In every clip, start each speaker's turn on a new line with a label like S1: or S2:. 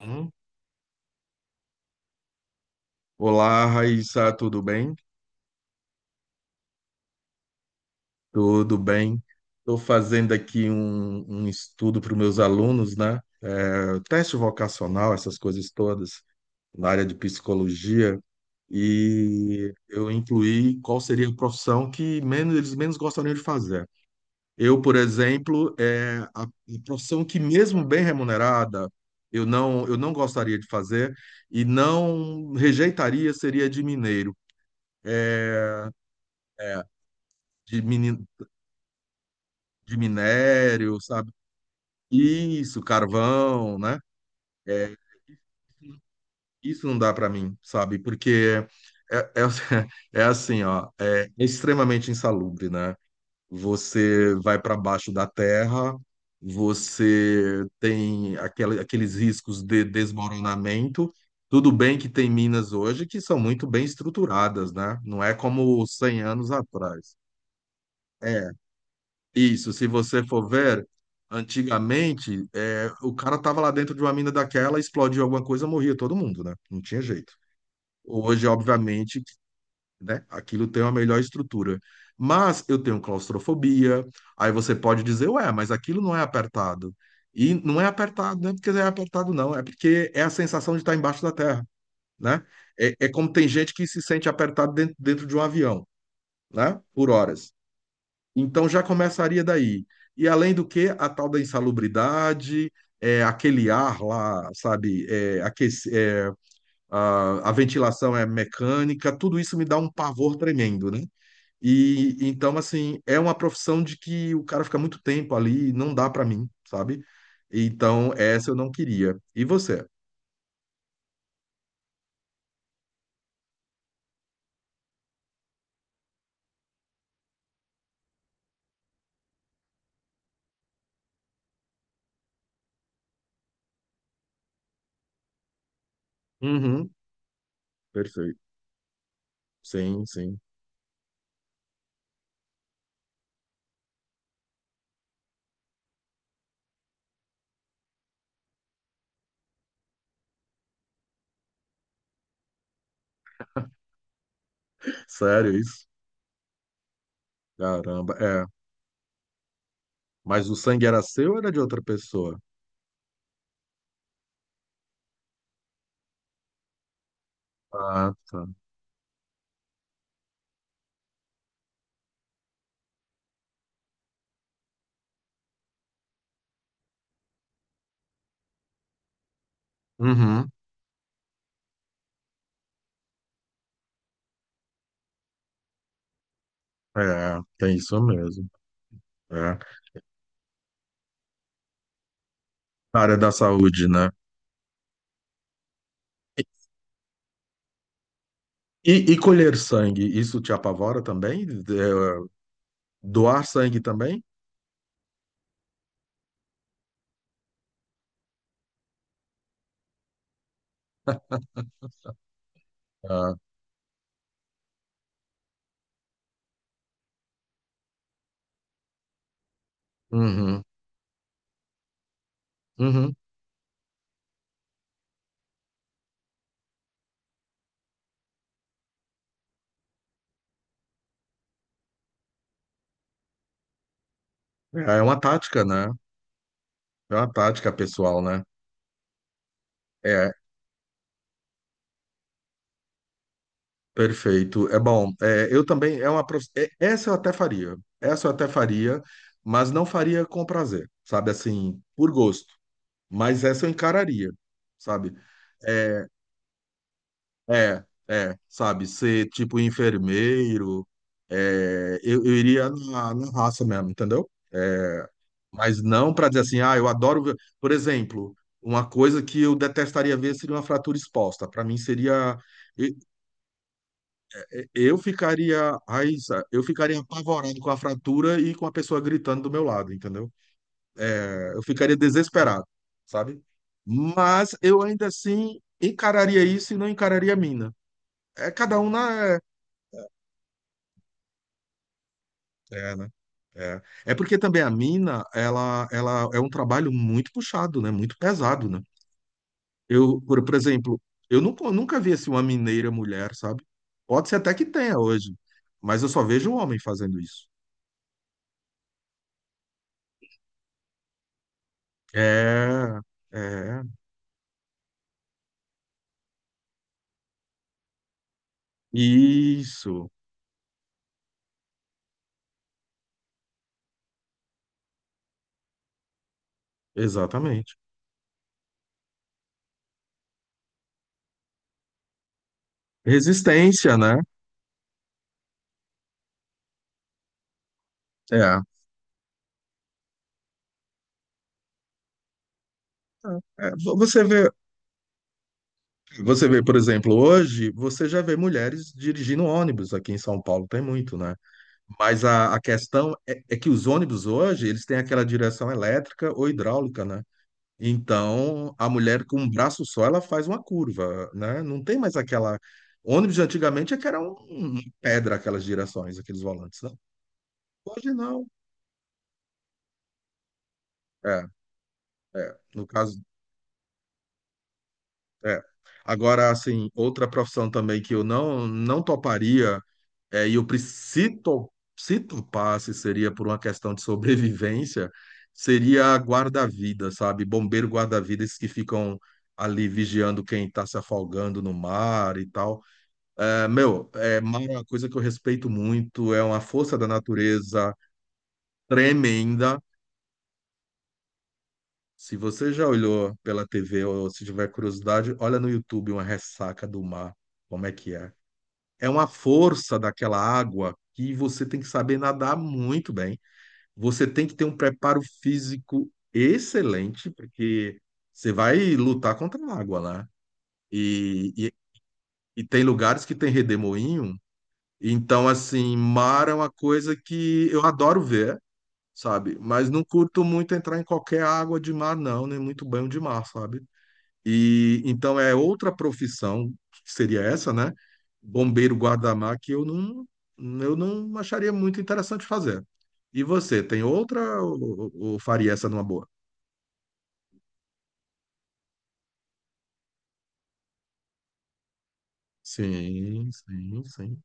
S1: Hum? Olá, Raíssa, tudo bem? Tudo bem. Estou fazendo aqui um estudo para os meus alunos, né? Teste vocacional, essas coisas todas, na área de psicologia. E eu incluí qual seria a profissão que eles menos gostariam de fazer. Eu, por exemplo, é a profissão que, mesmo bem remunerada, eu não gostaria de fazer e não rejeitaria seria de mineiro, é, de mini- de minério, sabe? Isso, carvão, né? É, isso não dá para mim, sabe? Porque é, é, é assim, ó, é extremamente insalubre, né? Você vai para baixo da terra, você tem aqueles riscos de desmoronamento. Tudo bem que tem minas hoje que são muito bem estruturadas, né? Não é como 100 anos atrás. É, isso, se você for ver, antigamente, o cara tava lá dentro de uma mina daquela, explodiu alguma coisa, morria todo mundo, né? Não tinha jeito. Hoje, obviamente, né, aquilo tem uma melhor estrutura. Mas eu tenho claustrofobia, aí você pode dizer, ué, mas aquilo não é apertado. E não é apertado, não é porque é apertado, não, é porque é a sensação de estar embaixo da terra, né? É, é como tem gente que se sente apertado dentro de um avião, né? Por horas. Então já começaria daí. E além do que, a tal da insalubridade, aquele ar lá, sabe, a ventilação é mecânica, tudo isso me dá um pavor tremendo, né? E então, assim, é uma profissão de que o cara fica muito tempo ali, e não dá para mim, sabe? Então, essa eu não queria. E você? Uhum, perfeito. Sim, sim. Sério isso? Caramba, é. Mas o sangue era seu ou era de outra pessoa? Ah, tá. Uhum. É, tem isso mesmo. É. Na área da saúde, né? E, e colher sangue, isso te apavora também? É, doar sangue também? Ah, uhum, uhum. É, uma tática, né? É uma tática pessoal, né? É, perfeito. É bom. É, eu também, essa eu até faria. Essa eu até faria, mas não faria com prazer, sabe? Assim, por gosto. Mas essa eu encararia, sabe? É, sabe, ser tipo enfermeiro, eu iria na raça mesmo, entendeu? É, mas não para dizer assim, ah, eu adoro ver. Por exemplo, uma coisa que eu detestaria ver seria uma fratura exposta. Para mim seria. e- Eu ficaria. Ai, eu ficaria apavorado com a fratura e com a pessoa gritando do meu lado, entendeu? É, eu ficaria desesperado, sabe? Mas eu ainda assim encararia isso e não encararia a mina. É cada um na. É, né? É. É porque também a mina, ela é um trabalho muito puxado, né? Muito pesado, né? Eu, por exemplo, eu nunca vi assim uma mineira mulher, sabe? Pode ser até que tenha hoje, mas eu só vejo um homem fazendo isso. É, é, isso, exatamente. Resistência, né? É. É, Você vê, por exemplo, hoje você já vê mulheres dirigindo ônibus aqui em São Paulo, tem muito, né? Mas a questão é que os ônibus hoje, eles têm aquela direção elétrica ou hidráulica, né? Então, a mulher com um braço só, ela faz uma curva, né? Não tem mais aquela... Ônibus de antigamente é que era uma pedra aquelas direções, aqueles volantes, né? Hoje não. É, é. No caso, é. Agora, assim, outra profissão também que eu não toparia. É, e o pri- se, to- se topasse, seria por uma questão de sobrevivência, seria guarda-vida, sabe? Bombeiro guarda-vida, esses que ficam ali vigiando quem está se afogando no mar e tal. É, meu, mar é uma coisa que eu respeito muito, é uma força da natureza tremenda. Se você já olhou pela TV ou se tiver curiosidade, olha no YouTube uma ressaca do mar, como é que é? É uma força daquela água que você tem que saber nadar muito bem. Você tem que ter um preparo físico excelente, porque você vai lutar contra a água lá. E, e, e tem lugares que tem redemoinho, então, assim, mar é uma coisa que eu adoro ver, sabe? Mas não curto muito entrar em qualquer água de mar, não, nem muito banho de mar, sabe? E então é outra profissão, que seria essa, né? Bombeiro guarda-mar, que eu não acharia muito interessante fazer. E você, tem outra ou, faria essa numa boa? Sim, sim, sim.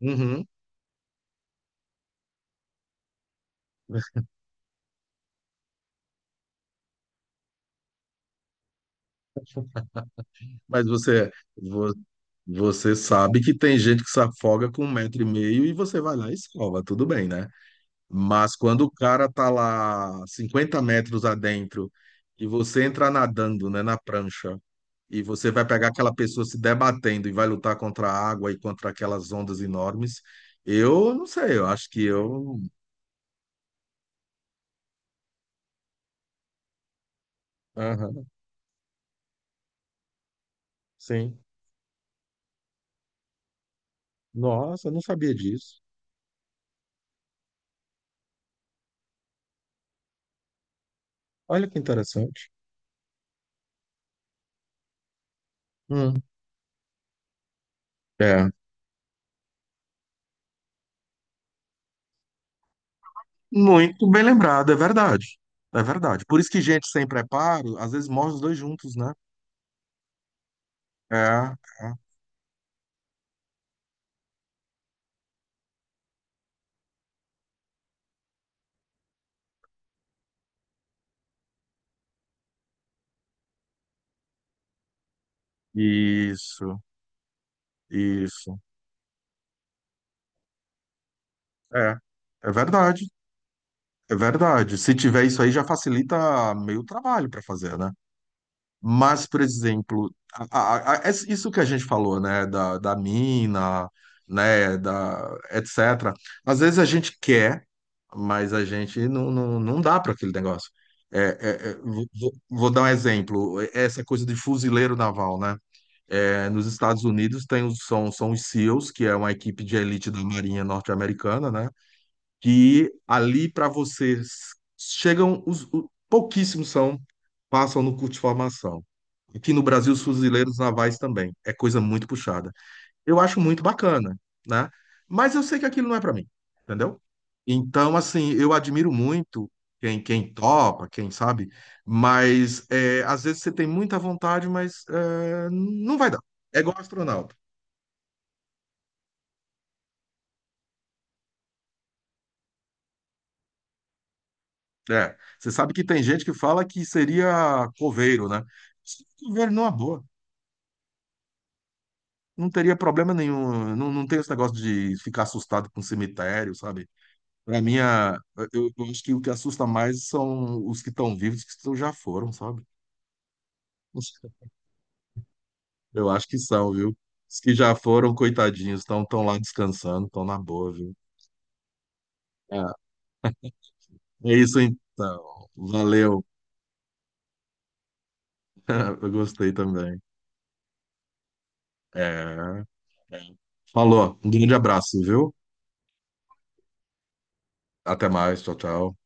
S1: Uhum. Mas vo- você sabe que tem gente que se afoga com um metro e meio e você vai lá e salva, tudo bem, né? Mas quando o cara tá lá 50 metros adentro e você entra nadando, né, na prancha. E você vai pegar aquela pessoa se debatendo e vai lutar contra a água e contra aquelas ondas enormes. Eu não sei, eu acho que eu. Aham, sim. Nossa, eu não sabia disso. Olha que interessante. Hum, é. Muito bem lembrado, é verdade. É verdade. Por isso que gente sem preparo, às vezes morre os dois juntos, né? É, é. Isso, isso. É, é verdade. É verdade. Se tiver isso aí, já facilita meio trabalho para fazer, né? Mas, por exemplo, isso que a gente falou, né, da mina, né, etc. Às vezes a gente quer, mas a gente não dá para aquele negócio. Vou dar um exemplo, essa coisa de fuzileiro naval, né? É, nos Estados Unidos são os SEALs, que é uma equipe de elite da Marinha norte-americana, né? Que ali para vocês chegam pouquíssimos são passam no curso de formação. Aqui no Brasil, os fuzileiros navais também. É coisa muito puxada. Eu acho muito bacana, né? Mas eu sei que aquilo não é para mim, entendeu? Então, assim, eu admiro muito quem topa, quem sabe, mas é, às vezes você tem muita vontade, mas é, não vai dar. É igual astronauta. É, você sabe que tem gente que fala que seria coveiro, né? Coveiro numa boa, não teria problema nenhum. Não, não tem esse negócio de ficar assustado com cemitério, sabe? Pra mim, eu acho que o que assusta mais são os que estão vivos, que já foram, sabe? Eu acho que são, viu? Os que já foram, coitadinhos, estão tão tão lá descansando, estão na boa, viu? É, é isso então. Valeu. Eu gostei também. É, é. Falou, um grande abraço, viu? Até mais, tchau, tchau.